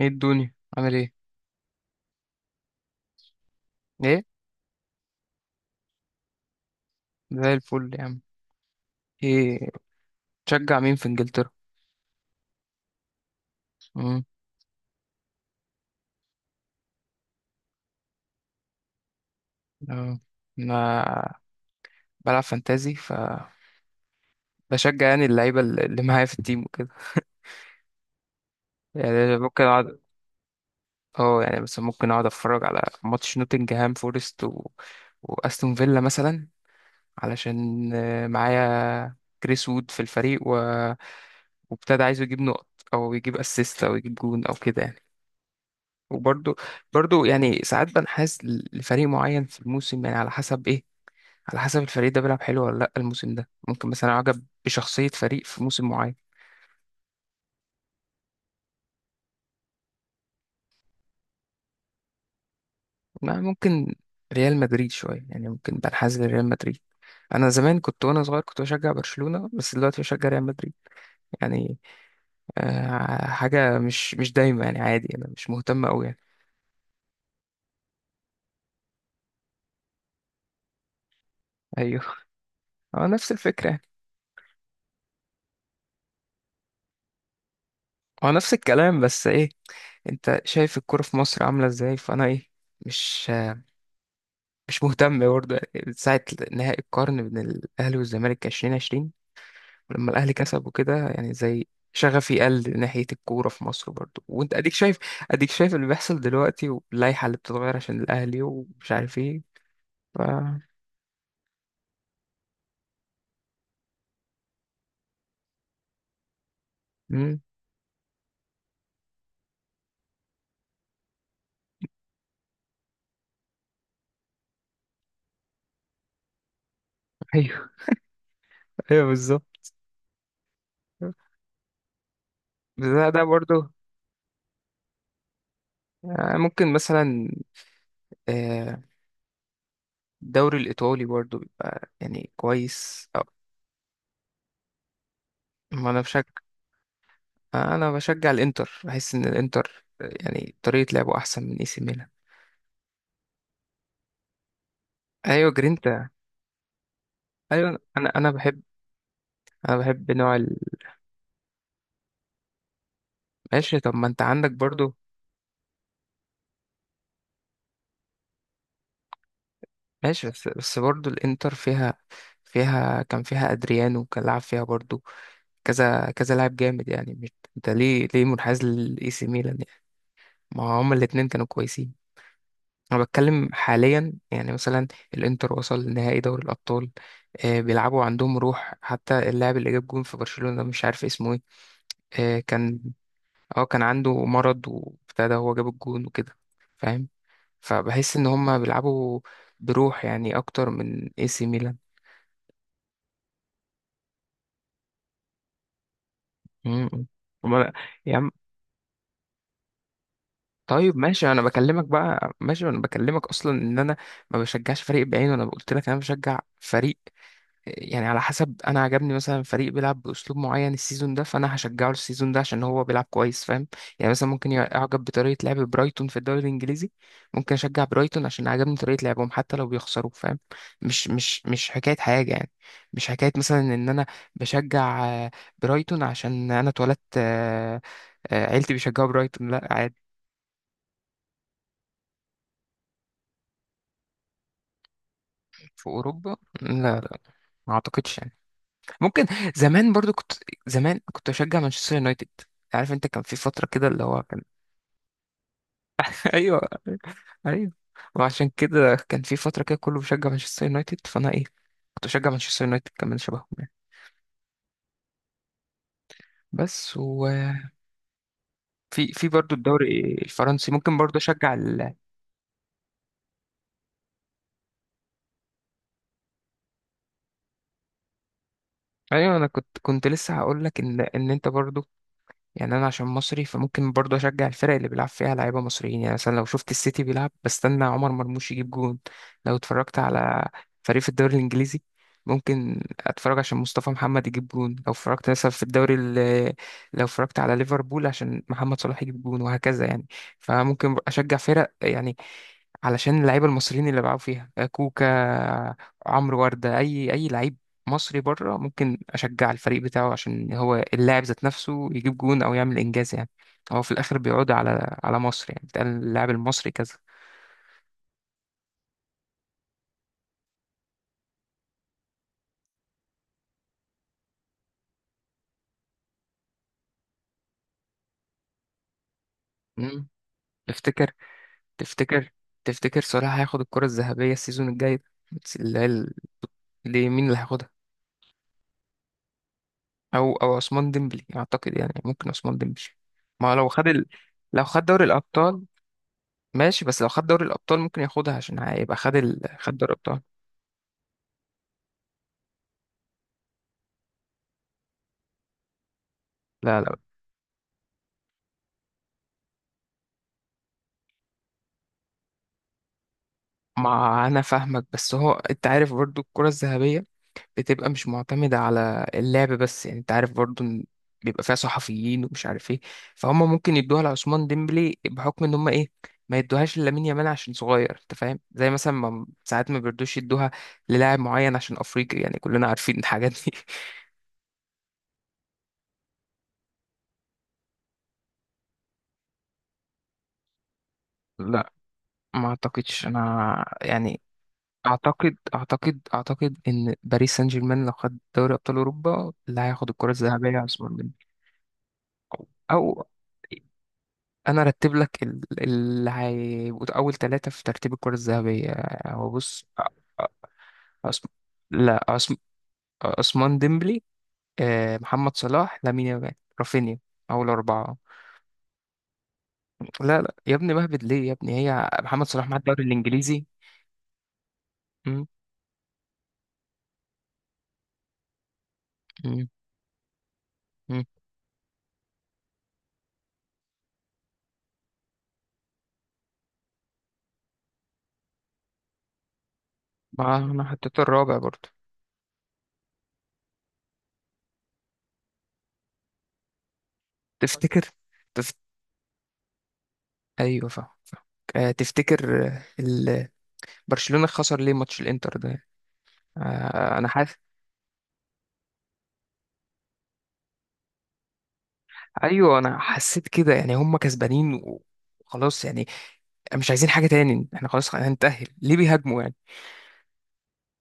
ايه الدنيا عامل ايه؟ ايه؟ زي الفل يا عم. ايه؟ تشجع مين في انجلترا؟ امم. اه. انا بلعب فانتازي، بشجع يعني اللعيبه اللي معايا في التيم وكده. يعني ممكن اقعد اه يعني مثلا ممكن اقعد اتفرج على ماتش نوتنجهام فورست واستون فيلا مثلا، علشان معايا كريس وود في الفريق وابتدى عايزه يجيب نقط او يجيب اسيست او يجيب جون او كده يعني. وبرضو يعني ساعات بنحاز لفريق معين في الموسم، يعني على حسب ايه، على حسب الفريق ده بيلعب حلو ولا لا الموسم ده، ممكن مثلا اعجب بشخصية فريق في موسم معين. ما ممكن ريال مدريد شوية، يعني ممكن بنحاز لريال مدريد. انا زمان كنت وانا صغير كنت بشجع برشلونة، بس دلوقتي بشجع ريال مدريد، يعني آه حاجة مش دايما يعني، عادي انا مش مهتم قوي يعني. ايوه هو نفس الفكرة يعني. هو نفس الكلام بس ايه، انت شايف الكرة في مصر عاملة ازاي، فانا ايه، مش مش مهتم برضه، يعني من ساعة نهائي القرن بين الأهلي والزمالك 2020، ولما الأهلي كسب وكده يعني زي، شغفي قل ناحية الكورة في مصر برضه، وأنت أديك شايف، اللي بيحصل دلوقتي واللائحة اللي بتتغير عشان الأهلي ومش عارف إيه، ف... مم. أيوه أيوه بالظبط. بس ده برضه يعني ممكن مثلا آه، الدوري الإيطالي برضه بيبقى يعني كويس أو. ما أنا بشجع آه، أنا بشجع الإنتر، بحس إن الإنتر يعني طريقة لعبه أحسن من إي سي ميلان. ايوه جرينتا. ايوه انا بحب نوع. ماشي طب ما انت عندك برضو. ماشي بس برضو الانتر فيها، كان فيها ادريانو، كان لعب فيها برضو، كذا كذا لاعب جامد، يعني مش. انت ليه منحاز للاي سي ميلان يعني؟ ما هما الاتنين كانوا كويسين. انا بتكلم حاليا يعني، مثلا الانتر وصل لنهائي دوري الابطال، آه بيلعبوا عندهم روح. حتى اللاعب اللي جاب جون في برشلونة مش عارف اسمه ايه، آه كان اه كان عنده مرض وابتدى هو جاب الجون وكده، فاهم؟ فبحس ان هم بيلعبوا بروح يعني اكتر من اي سي ميلان. مم. أمال- يا عم. طيب ماشي انا بكلمك بقى، ماشي انا بكلمك اصلا ان انا ما بشجعش فريق بعينه، انا قلت لك انا بشجع فريق يعني على حسب، انا عجبني مثلا فريق بيلعب باسلوب معين السيزون ده، فانا هشجعه السيزون ده عشان هو بيلعب كويس، فاهم؟ يعني مثلا ممكن اعجب بطريقه لعب برايتون في الدوري الانجليزي، ممكن اشجع برايتون عشان عجبني طريقه لعبهم حتى لو بيخسروا، فاهم؟ مش حكايه حاجه يعني، مش حكايه مثلا ان انا بشجع برايتون عشان انا اتولدت عيلتي بيشجعوا برايتون، لا عادي. في اوروبا؟ لا لا، ما اعتقدش يعني. ممكن، زمان برضو كنت زمان كنت اشجع مانشستر يونايتد. عارف انت كان في فترة كده اللي هو كان، ايوه ايوه، وعشان كده كان في فترة كده كله بيشجع مانشستر يونايتد، فانا ايه كنت اشجع مانشستر يونايتد كمان، شبههم يعني. بس وفي برضو الدوري الفرنسي ممكن برضو اشجع. ايوه انا كنت لسه هقول لك ان انت برضو، يعني انا عشان مصري فممكن برضه اشجع الفرق اللي بيلعب فيها لعيبه مصريين. يعني مثلا لو شفت السيتي بيلعب بستنى عمر مرموش يجيب جون، لو اتفرجت على فريق في الدوري الانجليزي ممكن اتفرج عشان مصطفى محمد يجيب جون، لو اتفرجت مثلا في الدوري ال- لو اتفرجت على ليفربول عشان محمد صلاح يجيب جون، وهكذا يعني. فممكن اشجع فرق يعني علشان اللعيبه المصريين اللي بيلعبوا فيها، كوكا، عمرو ورده، اي لعيب مصري بره ممكن اشجع الفريق بتاعه عشان هو اللاعب ذات نفسه يجيب جون او يعمل انجاز يعني. هو في الاخر بيعود على مصر، يعني بتقال اللاعب المصري كذا. مم. تفتكر تفتكر تفتكر صلاح هياخد الكرة الذهبية السيزون الجاي ده؟ بس اللي مين اللي هياخدها؟ او عثمان ديمبلي اعتقد يعني، ممكن عثمان ديمبلي. ما هو لو خد دوري الابطال، ماشي بس لو خد دوري الابطال ممكن ياخدها عشان هيبقى خد دوري الابطال. لا لا، ما انا فاهمك، بس هو انت عارف برضو الكرة الذهبية بتبقى مش معتمدة على اللعب بس، يعني انت عارف برضو ان بيبقى فيها صحفيين ومش عارف ايه، فهم ممكن يدوها لعثمان ديمبلي بحكم ان هم ايه، ما يدوهاش لامين يامال عشان صغير، انت فاهم؟ زي مثلا ما ساعات ما بيردوش يدوها للاعب معين عشان افريقي، يعني كلنا عارفين الحاجات دي. لا، ما اعتقدش انا يعني. اعتقد ان باريس سان جيرمان لو خد دوري ابطال اوروبا، اللي هياخد الكره الذهبيه عثمان ديمبلي. او انا ارتب لك اللي هيبقوا اول ثلاثه في ترتيب الكره الذهبيه. هو بص، عثم... لا، عثمان ديمبلي، محمد صلاح، لامين يامال، رافينيا. اول اربعه. لا لا يا ابني، بهبد ليه يا ابني؟ هي محمد صلاح مع الدوري الانجليزي. مم. مم. مم. ما انا حطيت الرابع برضه. تفتكر؟ تفت... ايوه فاهم. آه، تفتكر آه، ال- برشلونة خسر ليه ماتش الانتر ده؟ انا حاسس. ايوه انا حسيت كده، يعني هم كسبانين وخلاص يعني، مش عايزين حاجة تاني، احنا خلاص هنتأهل، ليه بيهاجموا يعني؟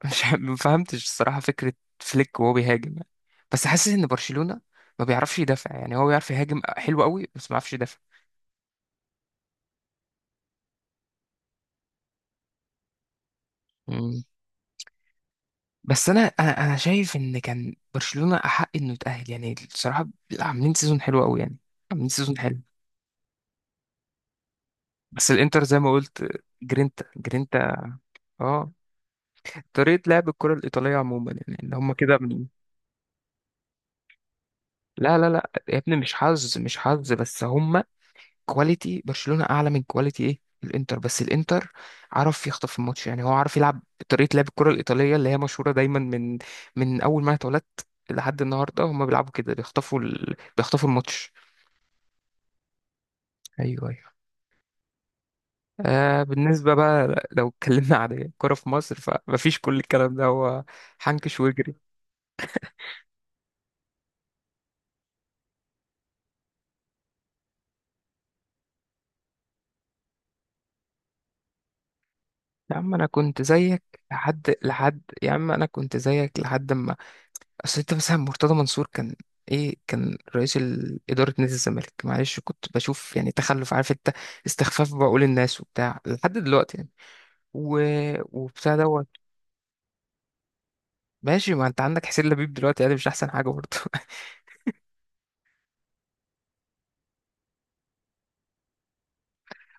مش ع- ما فهمتش الصراحة فكرة فليك وهو بيهاجم يعني. بس حاسس ان برشلونة ما بيعرفش يدافع، يعني هو بيعرف يهاجم حلو قوي بس ما بيعرفش يدافع. مم. بس انا شايف ان كان برشلونة احق انه يتأهل يعني، الصراحة عاملين سيزون حلو قوي يعني، عاملين سيزون حلو. بس الانتر زي ما قلت، جرينتا جرينتا. اه، طريقة لعب الكرة الإيطالية عموما يعني، ان هم كده. لا لا لا يا ابني، مش حظ مش حظ، بس هم كواليتي برشلونة أعلى من كواليتي إيه الإنتر، بس الإنتر عرف يخطف الماتش، يعني هو عارف يلعب طريقة لعب الكرة الإيطالية اللي هي مشهورة دايما، من أول ما أنا اتولدت لحد النهاردة هم بيلعبوا كده، بيخطفوا الماتش. أيوه أيوه. آه، بالنسبة بقى لو اتكلمنا عن الكرة في مصر فمفيش، كل الكلام ده هو حنكش وجري. يا عم انا كنت زيك، لحد ما، اصل انت مثلا مرتضى منصور كان، كان رئيس اداره نادي الزمالك، معلش كنت بشوف يعني تخلف، عارف انت، استخفاف بعقول الناس وبتاع لحد دلوقتي يعني، و... وبتاع دوت. ماشي، ما انت عندك حسين لبيب دلوقتي، يعني مش احسن حاجه برضه.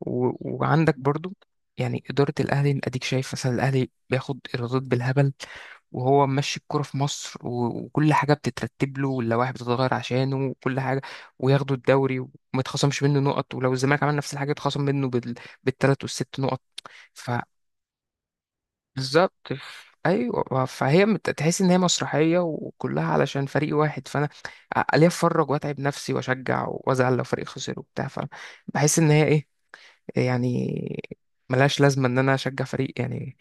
و... وعندك برضه، يعني اداره الاهلي اديك شايف، مثلا الاهلي بياخد ايرادات بالهبل وهو ماشي الكرة في مصر، وكل حاجة بتترتب له، واللوائح بتتغير عشانه وكل حاجة، وياخدوا الدوري وما يتخصمش منه نقط، ولو الزمالك عمل نفس الحاجة يتخصم منه بالتلات والست نقط. فبالظبط، ايوه، فهي تحس ان هي مسرحية وكلها علشان فريق واحد، فانا ليه اتفرج واتعب نفسي واشجع وازعل لو فريق خسر وبتاع، فبحس ان هي ايه يعني، ملهاش لازمة ان انا اشجع فريق يعني،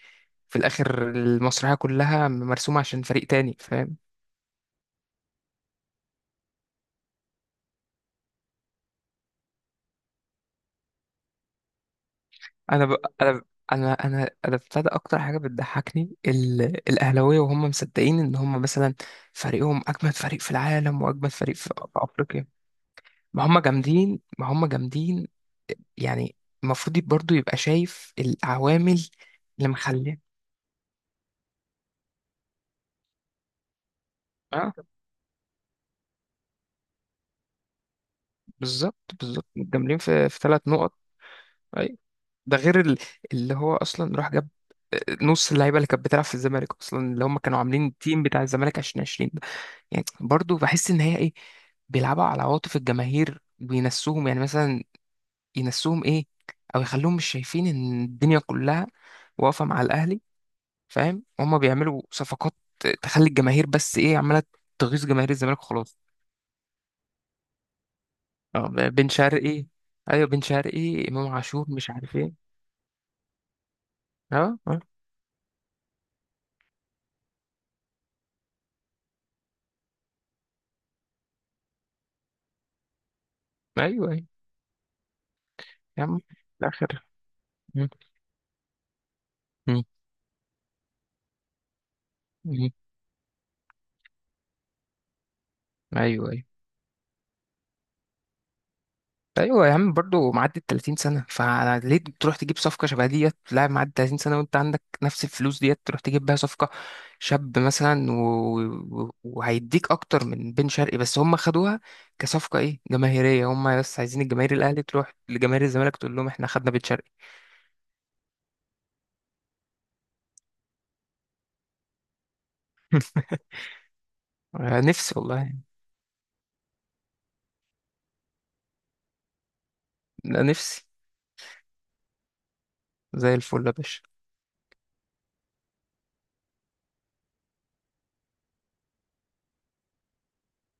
في الاخر المسرحية كلها مرسومة عشان فريق تاني، فاهم؟ انا ب... انا ب... انا انا انا ابتدى اكتر حاجه بتضحكني الاهلاويه، وهم مصدقين ان هم مثلا فريقهم اجمد فريق في العالم واجمد فريق في افريقيا. ما هم جامدين ما هم جامدين يعني. المفروض برضو يبقى شايف العوامل اللي مخليه. اه بالظبط بالظبط، متجاملين في ثلاث نقط. اي، ده غير اللي هو اصلا راح جاب آه، نص اللعيبه اللي كانت بتلعب في الزمالك اصلا، اللي هم كانوا عاملين التيم بتاع الزمالك 2020. يعني برضو بحس ان هي ايه، بيلعبوا على عواطف الجماهير وينسوهم، يعني مثلا ينسوهم ايه، او يخلوهم مش شايفين ان الدنيا كلها واقفه مع الاهلي، فاهم؟ هما بيعملوا صفقات تخلي الجماهير بس ايه عماله تغيظ جماهير الزمالك وخلاص. اه، بن شرقي. ايوه بن شرقي، امام عاشور، مش عارف ايه. اه اه. ايوه ايوه. يا عم في الاخر. مم. مم. مم. ايوه أيوه. ايوه يا عم برضه معدي ال 30 سنه، فليه تروح تجيب صفقه شبه ديت لاعب معدي 30 سنه وانت عندك نفس الفلوس ديت تروح تجيب بيها صفقه شاب مثلا، وهيديك اكتر من بن شرقي، بس هم خدوها كصفقه جماهيريه، هم بس عايزين الجماهير الاهلي تروح لجماهير الزمالك تقول لهم احنا خدنا بن شرقي. نفسي والله. نفسي. زي الفل يا باشا.